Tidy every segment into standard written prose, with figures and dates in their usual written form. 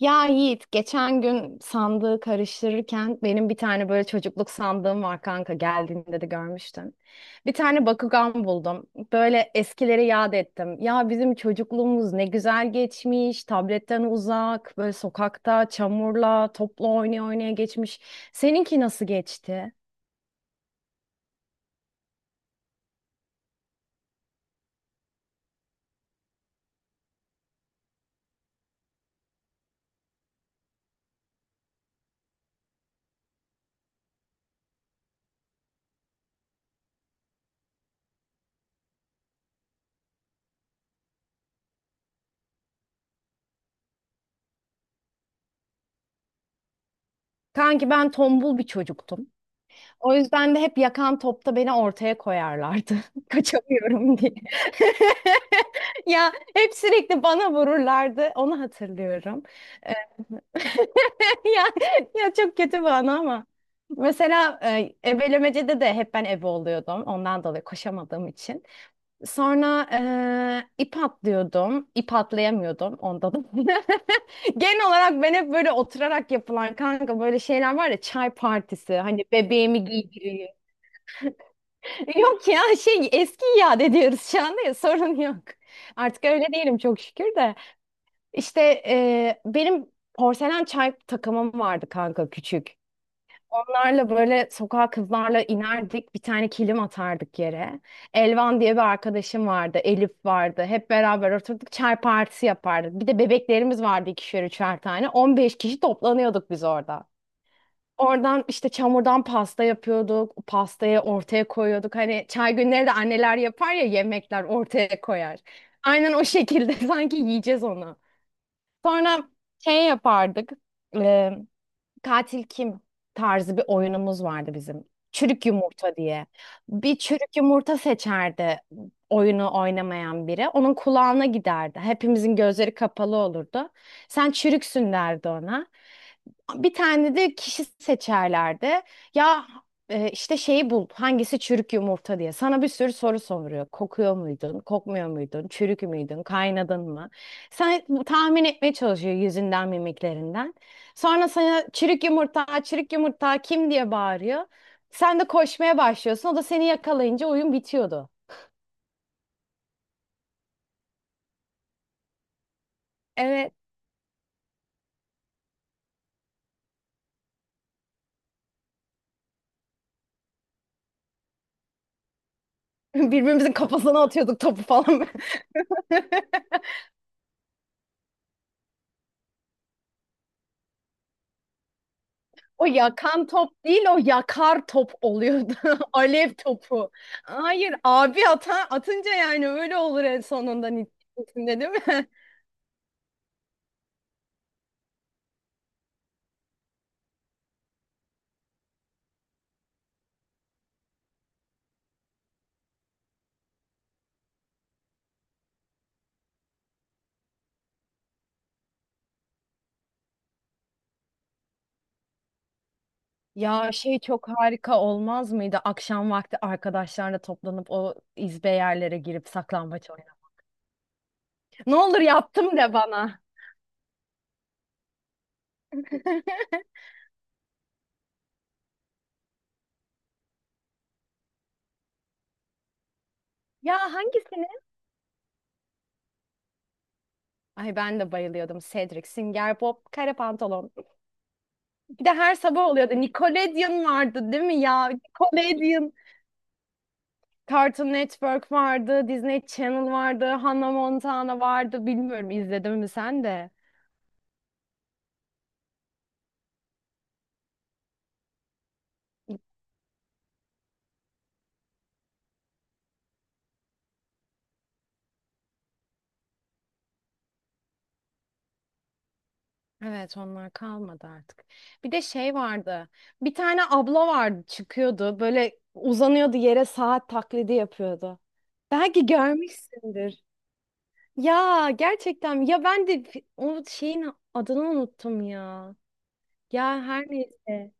Ya Yiğit, geçen gün sandığı karıştırırken benim bir tane böyle çocukluk sandığım var kanka geldiğinde de görmüştün. Bir tane Bakugan buldum. Böyle eskileri yad ettim. Ya bizim çocukluğumuz ne güzel geçmiş. Tabletten uzak, böyle sokakta çamurla, topla oynaya oynaya geçmiş. Seninki nasıl geçti? Kanki ben tombul bir çocuktum. O yüzden de hep yakan topta beni ortaya koyarlardı. Kaçamıyorum diye. Ya hep sürekli bana vururlardı. Onu hatırlıyorum. Ee, Ya, ya çok kötü bana ama. Mesela ebelemecede de hep ben ebe oluyordum. Ondan dolayı koşamadığım için. Sonra ip atlıyordum. İp atlayamıyordum. Onda da. Genel olarak ben hep böyle oturarak yapılan kanka böyle şeyler var ya çay partisi. Hani bebeğimi giydiriyor. Yok ya şey eski iade ediyoruz şu anda ya sorun yok. Artık öyle değilim çok şükür de. İşte benim porselen çay takımım vardı kanka küçük. Bunlarla böyle sokağa kızlarla inerdik bir tane kilim atardık yere. Elvan diye bir arkadaşım vardı, Elif vardı, hep beraber oturduk, çay partisi yapardık. Bir de bebeklerimiz vardı, ikişer üçer tane, 15 kişi toplanıyorduk biz orada. Oradan işte çamurdan pasta yapıyorduk. O pastayı ortaya koyuyorduk. Hani çay günleri de anneler yapar ya, yemekler ortaya koyar. Aynen o şekilde sanki yiyeceğiz onu. Sonra şey yapardık. Katil kim tarzı bir oyunumuz vardı bizim. Çürük yumurta diye. Bir çürük yumurta seçerdi oyunu oynamayan biri. Onun kulağına giderdi. Hepimizin gözleri kapalı olurdu. Sen çürüksün derdi ona. Bir tane de kişi seçerlerdi. Ya işte şeyi bul. Hangisi çürük yumurta diye. Sana bir sürü soru soruyor. Kokuyor muydun? Kokmuyor muydun? Çürük müydün? Kaynadın mı? Sen tahmin etmeye çalışıyor yüzünden, mimiklerinden. Sonra sana çürük yumurta, çürük yumurta kim diye bağırıyor. Sen de koşmaya başlıyorsun. O da seni yakalayınca oyun bitiyordu. Evet. Birbirimizin kafasına atıyorduk topu falan. O yakan top değil, o yakar top oluyordu. Alev topu. Hayır, abi ata, atınca yani öyle olur en sonunda neticesinde, değil mi? Ya şey çok harika olmaz mıydı? Akşam vakti arkadaşlarla toplanıp o izbe yerlere girip saklambaç oynamak. Ne olur yaptım de bana. Ya hangisini? Ay ben de bayılıyordum. Cedric, Singer Bob, Kare Pantolon. Bir de her sabah oluyordu. Nickelodeon vardı, değil mi ya? Nickelodeon. Cartoon Network vardı, Disney Channel vardı, Hannah Montana vardı. Bilmiyorum, izledin mi sen de? Evet, onlar kalmadı artık. Bir de şey vardı. Bir tane abla vardı çıkıyordu. Böyle uzanıyordu yere, saat taklidi yapıyordu. Belki görmüşsündür. Ya gerçekten ya ben de o şeyin adını unuttum ya. Ya her neyse.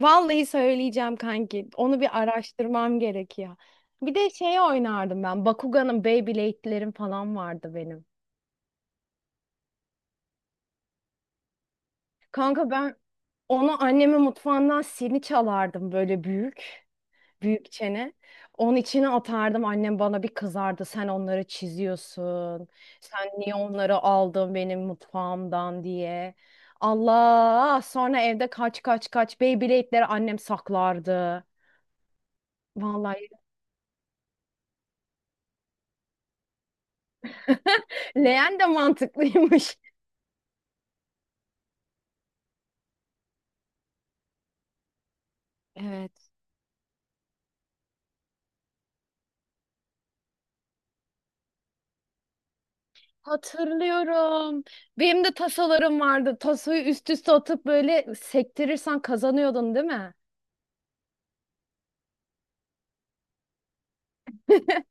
Vallahi söyleyeceğim kanki. Onu bir araştırmam gerekiyor. Bir de şey oynardım ben. Bakugan'ın, Beyblade'lerim falan vardı benim. Kanka ben onu annemin mutfağından sini çalardım böyle büyük. Büyük çene. Onun içine atardım. Annem bana bir kızardı. Sen onları çiziyorsun. Sen niye onları aldın benim mutfağımdan diye. Allah! Sonra evde kaç kaç kaç Beyblade'leri annem saklardı. Vallahi leğen de mantıklıymış. Evet. Hatırlıyorum. Benim de tasolarım vardı. Tasoyu üst üste atıp böyle sektirirsen kazanıyordun, değil mi?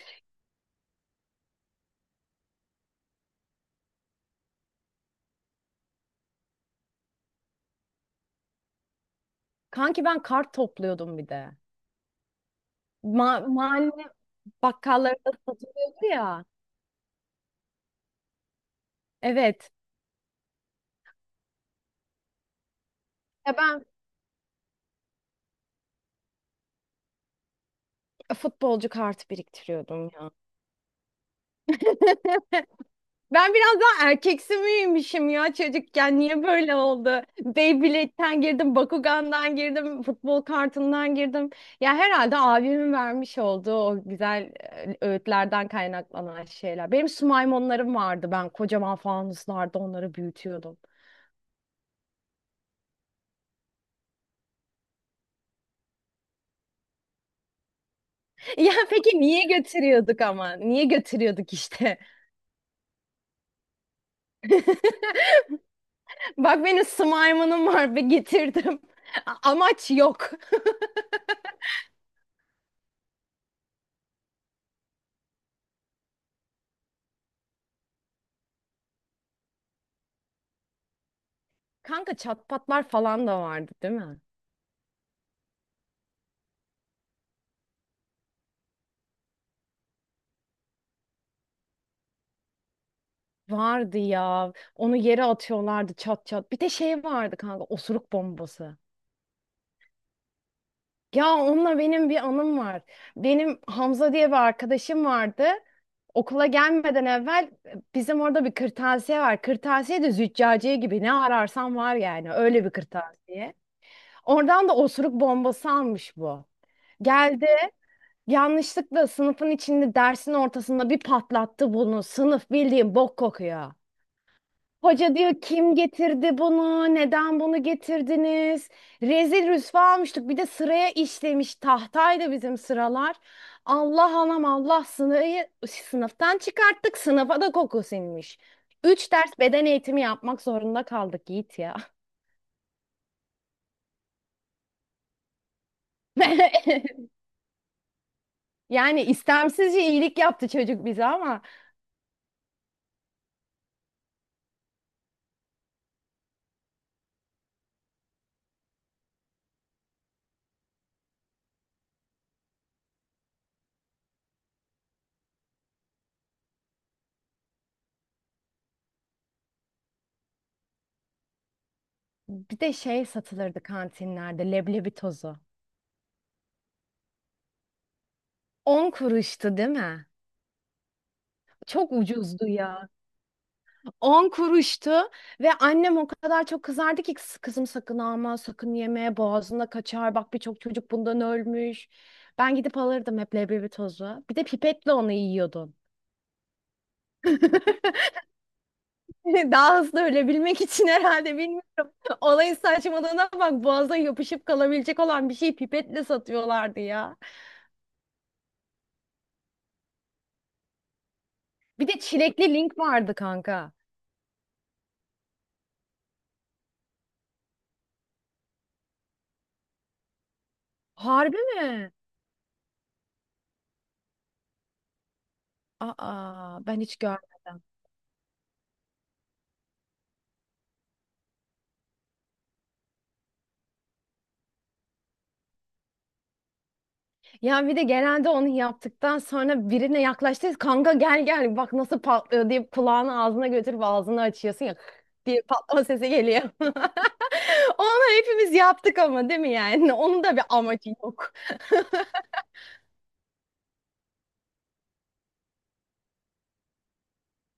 Kanki ben kart topluyordum bir de. Ma mahalle Bakkallarda satılıyordu ya. Evet. Ya ben futbolcu kartı biriktiriyordum ya. Ben biraz daha erkeksi miymişim ya çocukken? Niye böyle oldu? Beyblade'den girdim, Bakugan'dan girdim, futbol kartından girdim. Ya herhalde abimin vermiş olduğu o güzel öğütlerden kaynaklanan şeyler. Benim sumaymonlarım vardı. Ben kocaman fanuslarda onları büyütüyordum. Ya peki niye götürüyorduk ama? Niye götürüyorduk işte? Bak benim slime'ım var ve getirdim. Amaç yok. Kanka çatpatlar falan da vardı, değil mi? Vardı ya. Onu yere atıyorlardı, çat çat. Bir de şey vardı kanka, osuruk bombası. Ya onunla benim bir anım var. Benim Hamza diye bir arkadaşım vardı. Okula gelmeden evvel bizim orada bir kırtasiye var. Kırtasiye de züccaciye gibi, ne ararsan var yani, öyle bir kırtasiye. Oradan da osuruk bombası almış bu. Geldi. Yanlışlıkla sınıfın içinde, dersin ortasında bir patlattı bunu. Sınıf bildiğin bok kokuyor. Hoca diyor, kim getirdi bunu? Neden bunu getirdiniz? Rezil rüsva almıştık. Bir de sıraya işlemiş, tahtaydı bizim sıralar. Allah anam Allah, sınıfı sınıftan çıkarttık. Sınıfa da koku sinmiş. Üç ders beden eğitimi yapmak zorunda kaldık Yiğit ya. Yani istemsizce iyilik yaptı çocuk bize ama. Bir de şey satılırdı kantinlerde, leblebi tozu. 10 kuruştu, değil mi? Çok ucuzdu ya. 10 kuruştu ve annem o kadar çok kızardı ki, kızım sakın alma, sakın yeme, boğazına kaçar. Bak birçok çocuk bundan ölmüş." Ben gidip alırdım hep leblebi tozu. Bir de pipetle onu yiyordum. Daha hızlı ölebilmek için herhalde, bilmiyorum. Olayın saçmalığına bak, boğaza yapışıp kalabilecek olan bir şeyi pipetle satıyorlardı ya. Bir de çilekli link vardı kanka. Harbi mi? Aa, ben hiç görmedim. Ya bir de genelde onu yaptıktan sonra birine yaklaştıysa kanka, gel gel bak nasıl patlıyor, deyip kulağını ağzına götürüp ağzını açıyorsun ya, diye patlama sesi geliyor. Onu hepimiz yaptık ama, değil mi yani? Onun da bir amacı yok.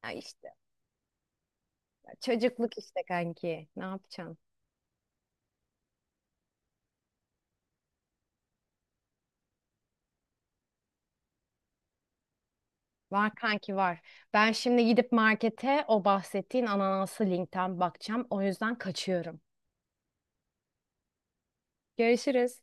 Ya işte çocukluk işte kanki. Ne yapacaksın? Var kanki, var. Ben şimdi gidip markete o bahsettiğin ananaslı linkten bakacağım. O yüzden kaçıyorum. Görüşürüz.